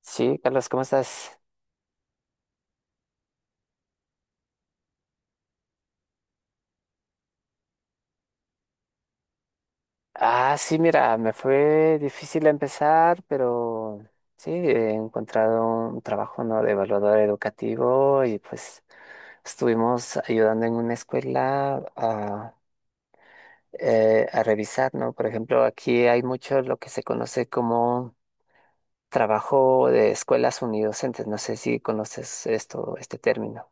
Sí, Carlos, ¿cómo estás? Ah, sí, mira, me fue difícil empezar, pero sí, he encontrado un trabajo, ¿no? De evaluador educativo y pues estuvimos ayudando en una escuela a revisar, ¿no? Por ejemplo, aquí hay mucho lo que se conoce como trabajo de escuelas unidocentes. No sé si conoces esto, este término.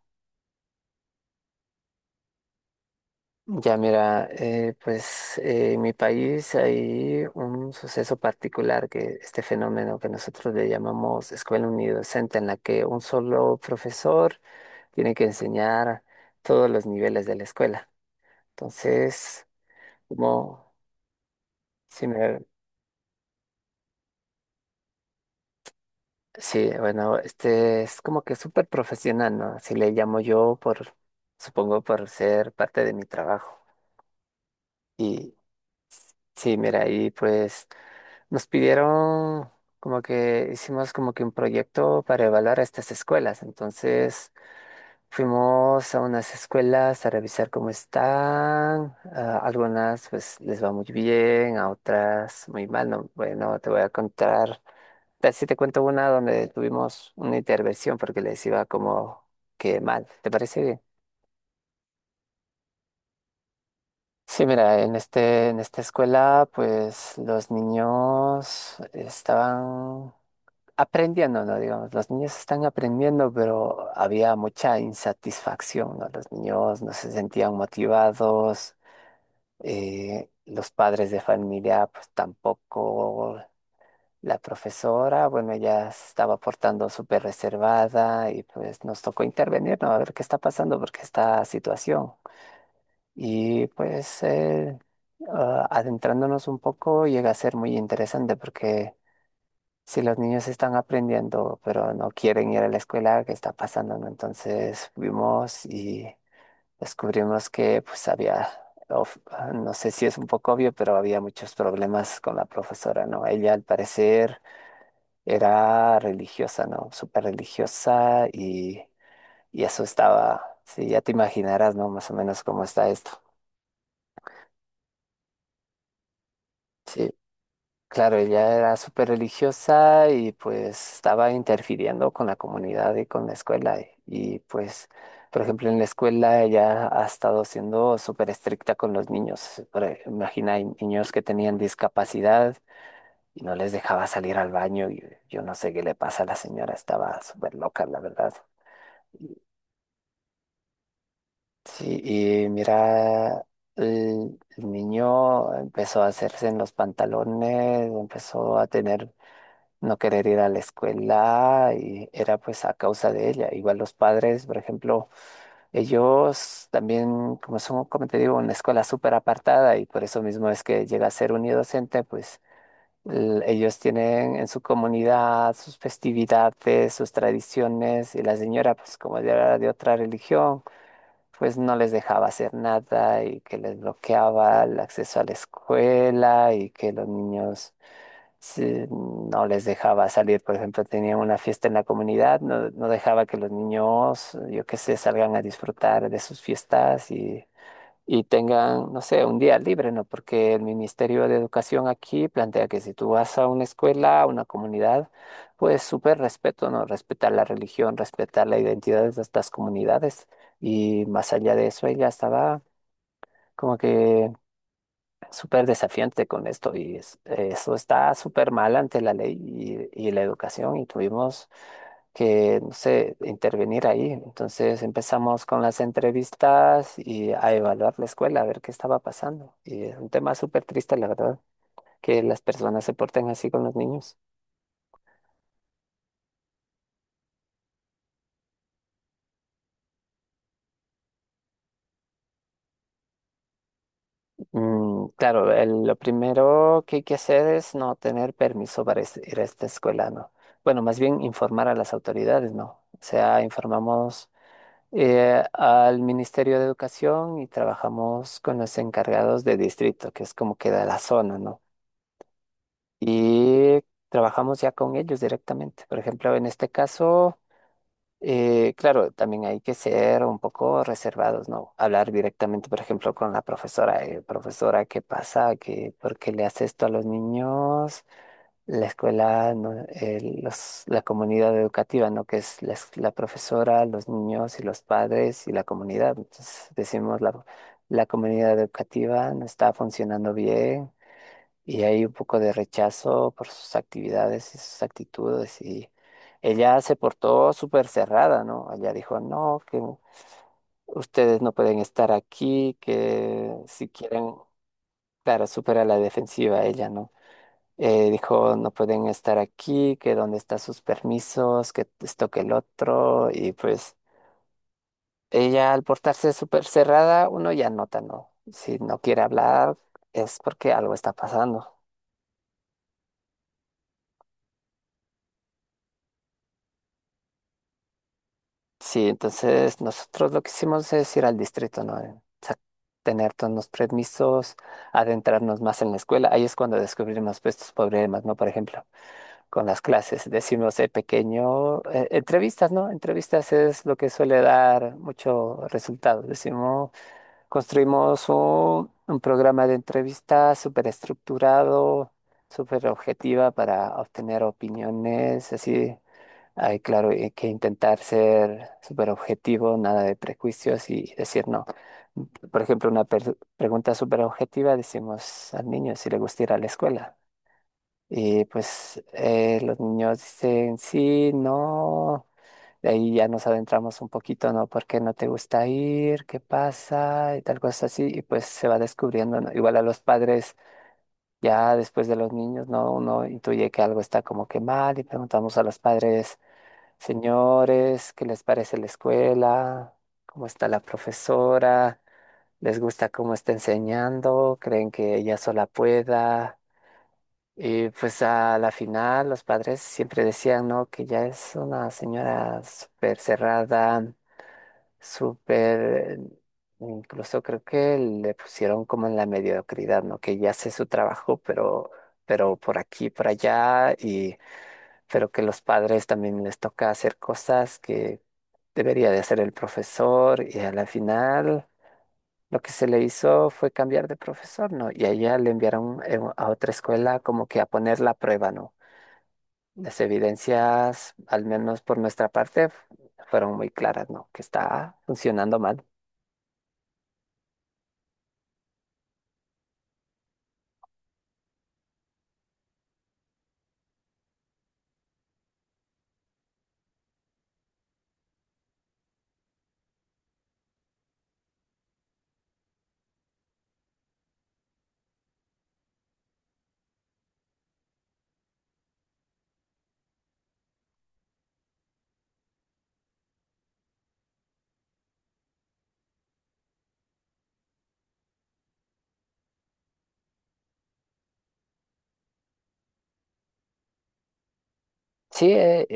Ya mira, pues en mi país hay un suceso particular que este fenómeno que nosotros le llamamos escuela unidocente, en la que un solo profesor tiene que enseñar todos los niveles de la escuela. Entonces, como si me, sí, bueno, este es como que súper profesional, ¿no? Así le llamo yo por, supongo por ser parte de mi trabajo. Y sí, mira, ahí pues. Nos pidieron como que hicimos como que un proyecto para evaluar estas escuelas. Entonces fuimos a unas escuelas a revisar cómo están. A algunas pues les va muy bien, a otras muy mal. No, bueno, te voy a contar. Tal si te cuento una donde tuvimos una intervención porque les iba como que mal. ¿Te parece bien? Sí, mira, en esta escuela, pues los niños estaban aprendiendo, ¿no? Digamos, los niños están aprendiendo, pero había mucha insatisfacción, ¿no? Los niños no se sentían motivados, los padres de familia, pues tampoco. La profesora, bueno, ella se estaba portando súper reservada y pues nos tocó intervenir, ¿no? A ver qué está pasando, porque esta situación. Y pues ah, adentrándonos un poco llega a ser muy interesante porque si los niños están aprendiendo, pero no quieren ir a la escuela, ¿qué está pasando, no? Entonces fuimos y descubrimos que pues había, of- no sé si es un poco obvio, pero había muchos problemas con la profesora, ¿no? Ella al parecer era religiosa, ¿no? Súper religiosa y eso estaba, si ya te imaginarás, ¿no? Más o menos cómo está esto. Sí, claro, ella era súper religiosa y pues estaba interfiriendo con la comunidad y con la escuela. Pues, por ejemplo, en la escuela ella ha estado siendo súper estricta con los niños. Imagina, hay niños que tenían discapacidad y no les dejaba salir al baño. Y yo no sé qué le pasa a la señora, estaba súper loca, la verdad. Sí, y mira, el niño empezó a hacerse en los pantalones, empezó a tener no querer ir a la escuela y era pues a causa de ella. Igual los padres, por ejemplo, ellos también, como son, como te digo, una escuela súper apartada y por eso mismo es que llega a ser unidocente, pues ellos tienen en su comunidad sus festividades, sus tradiciones y la señora, pues como ya era de otra religión, pues no les dejaba hacer nada y que les bloqueaba el acceso a la escuela y que los niños no les dejaba salir, por ejemplo, tenían una fiesta en la comunidad, no, no dejaba que los niños, yo qué sé, salgan a disfrutar de sus fiestas y tengan, no sé, un día libre, ¿no? Porque el Ministerio de Educación aquí plantea que si tú vas a una escuela, a una comunidad, pues súper respeto, ¿no? Respetar la religión, respetar la identidad de estas comunidades y más allá de eso, ella estaba como que súper desafiante con esto y eso está súper mal ante la ley y la educación y tuvimos que, no sé, intervenir ahí. Entonces empezamos con las entrevistas y a evaluar la escuela, a ver qué estaba pasando. Y es un tema súper triste, la verdad, que las personas se porten así con los niños. Mm, claro, lo primero que hay que hacer es no tener permiso para ir a esta escuela, ¿no? Bueno, más bien informar a las autoridades, ¿no? O sea, informamos al Ministerio de Educación y trabajamos con los encargados de distrito, que es como queda la zona, ¿no? Y trabajamos ya con ellos directamente. Por ejemplo, en este caso, claro, también hay que ser un poco reservados, ¿no? Hablar directamente, por ejemplo, con la profesora, profesora, ¿qué pasa? ¿Qué, por qué le hace esto a los niños? La escuela, ¿no? La comunidad educativa, ¿no? Que es la, la profesora, los niños y los padres y la comunidad. Entonces decimos la comunidad educativa no está funcionando bien y hay un poco de rechazo por sus actividades y sus actitudes y ella se portó súper cerrada, ¿no? Ella dijo, no, que ustedes no pueden estar aquí, que si quieren, claro, súper a la defensiva ella, ¿no? Dijo, no pueden estar aquí, que dónde están sus permisos, que esto, que el otro. Y pues ella al portarse súper cerrada, uno ya nota, ¿no? Si no quiere hablar es porque algo está pasando. Sí, entonces nosotros lo que hicimos es ir al distrito, ¿no? Sa- Tener todos los permisos, adentrarnos más en la escuela. Ahí es cuando descubrimos pues, estos problemas, ¿no? Por ejemplo, con las clases. Decimos de pequeño, entrevistas, ¿no? Entrevistas es lo que suele dar mucho resultado. Decimos, construimos un programa de entrevistas súper estructurado, súper objetiva para obtener opiniones, así. Hay claro, hay que intentar ser súper objetivo, nada de prejuicios y decir no. Por ejemplo, pregunta súper objetiva, decimos al niño si le gusta ir a la escuela. Y pues los niños dicen, sí, no, de ahí ya nos adentramos un poquito, ¿no? ¿Por qué no te gusta ir? ¿Qué pasa? Y tal cosa así, y pues se va descubriendo, ¿no? Igual a los padres, ya después de los niños, ¿no? Uno intuye que algo está como que mal y preguntamos a los padres, señores, ¿qué les parece la escuela? ¿Cómo está la profesora? ¿Les gusta cómo está enseñando? ¿Creen que ella sola pueda? Y pues a la final los padres siempre decían, ¿no? Que ya es una señora súper cerrada, súper, incluso creo que le pusieron como en la mediocridad, ¿no? Que ya hace su trabajo, pero por aquí, por allá, y pero que los padres también les toca hacer cosas que debería de hacer el profesor, y a la final lo que se le hizo fue cambiar de profesor, ¿no? Y a ella le enviaron a otra escuela como que a poner la prueba, ¿no? Las evidencias, al menos por nuestra parte, fueron muy claras, ¿no? Que está funcionando mal. Sí,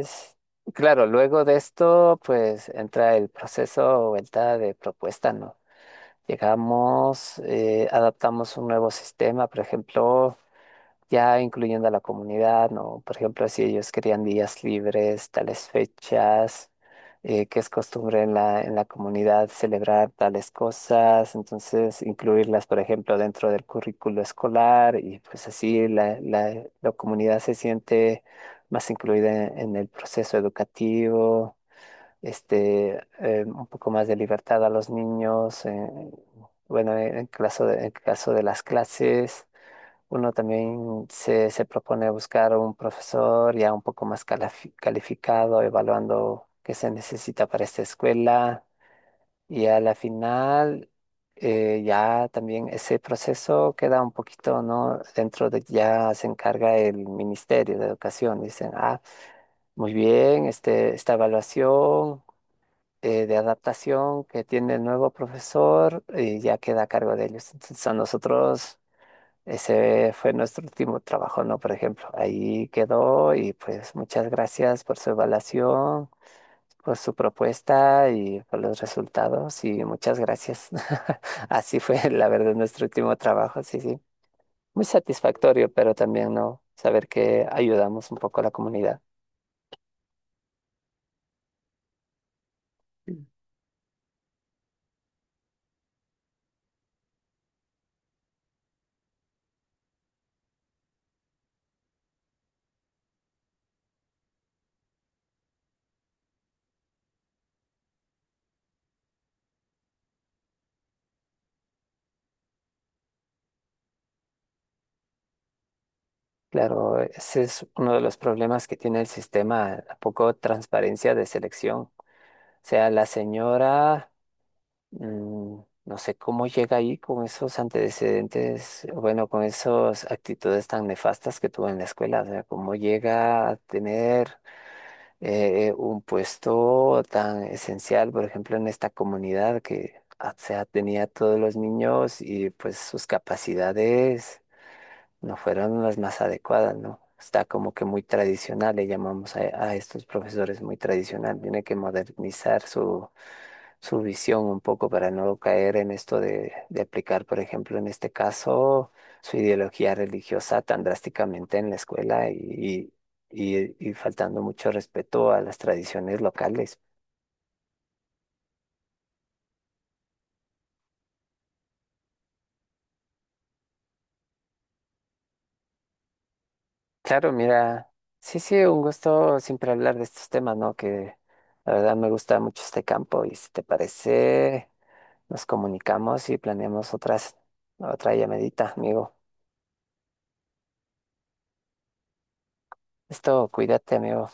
es... Claro, luego de esto, pues entra el proceso o vuelta de propuesta, ¿no? Llegamos, adaptamos un nuevo sistema, por ejemplo. Ya incluyendo a la comunidad, ¿no? Por ejemplo, si ellos querían días libres, tales fechas, que es costumbre en la comunidad celebrar tales cosas, entonces incluirlas, por ejemplo, dentro del currículo escolar y pues así la comunidad se siente más incluida en el proceso educativo, este, un poco más de libertad a los niños, bueno, en caso de las clases. Uno también se propone buscar un profesor ya un poco más calificado, evaluando qué se necesita para esta escuela. Y a la final, ya también ese proceso queda un poquito, ¿no? Dentro de ya se encarga el Ministerio de Educación. Dicen, ah, muy bien, este, esta evaluación de adaptación que tiene el nuevo profesor ya queda a cargo de ellos. Entonces, a nosotros. Ese fue nuestro último trabajo, ¿no? Por ejemplo, ahí quedó y pues muchas gracias por su evaluación, por su propuesta y por los resultados y muchas gracias. Así fue, la verdad, nuestro último trabajo, sí, sí. Muy satisfactorio, pero también, ¿no? Saber que ayudamos un poco a la comunidad. Claro, ese es uno de los problemas que tiene el sistema, la poco transparencia de selección. O sea, la señora... Mm, no sé cómo llega ahí con esos antecedentes, bueno, con esas actitudes tan nefastas que tuvo en la escuela, o sea, cómo llega a tener un puesto tan esencial, por ejemplo, en esta comunidad que, ah, o sea, tenía a todos los niños y pues sus capacidades no fueron las más adecuadas, ¿no? Está como que muy tradicional, le llamamos a estos profesores muy tradicional, tiene que modernizar su visión un poco para no caer en esto de aplicar, por ejemplo, en este caso, su ideología religiosa tan drásticamente en la escuela y faltando mucho respeto a las tradiciones locales. Claro, mira, sí, sí, un gusto siempre hablar de estos temas, ¿no? Que la verdad me gusta mucho este campo y si te parece, nos comunicamos y planeamos otra llamadita, amigo. Esto, cuídate, amigo.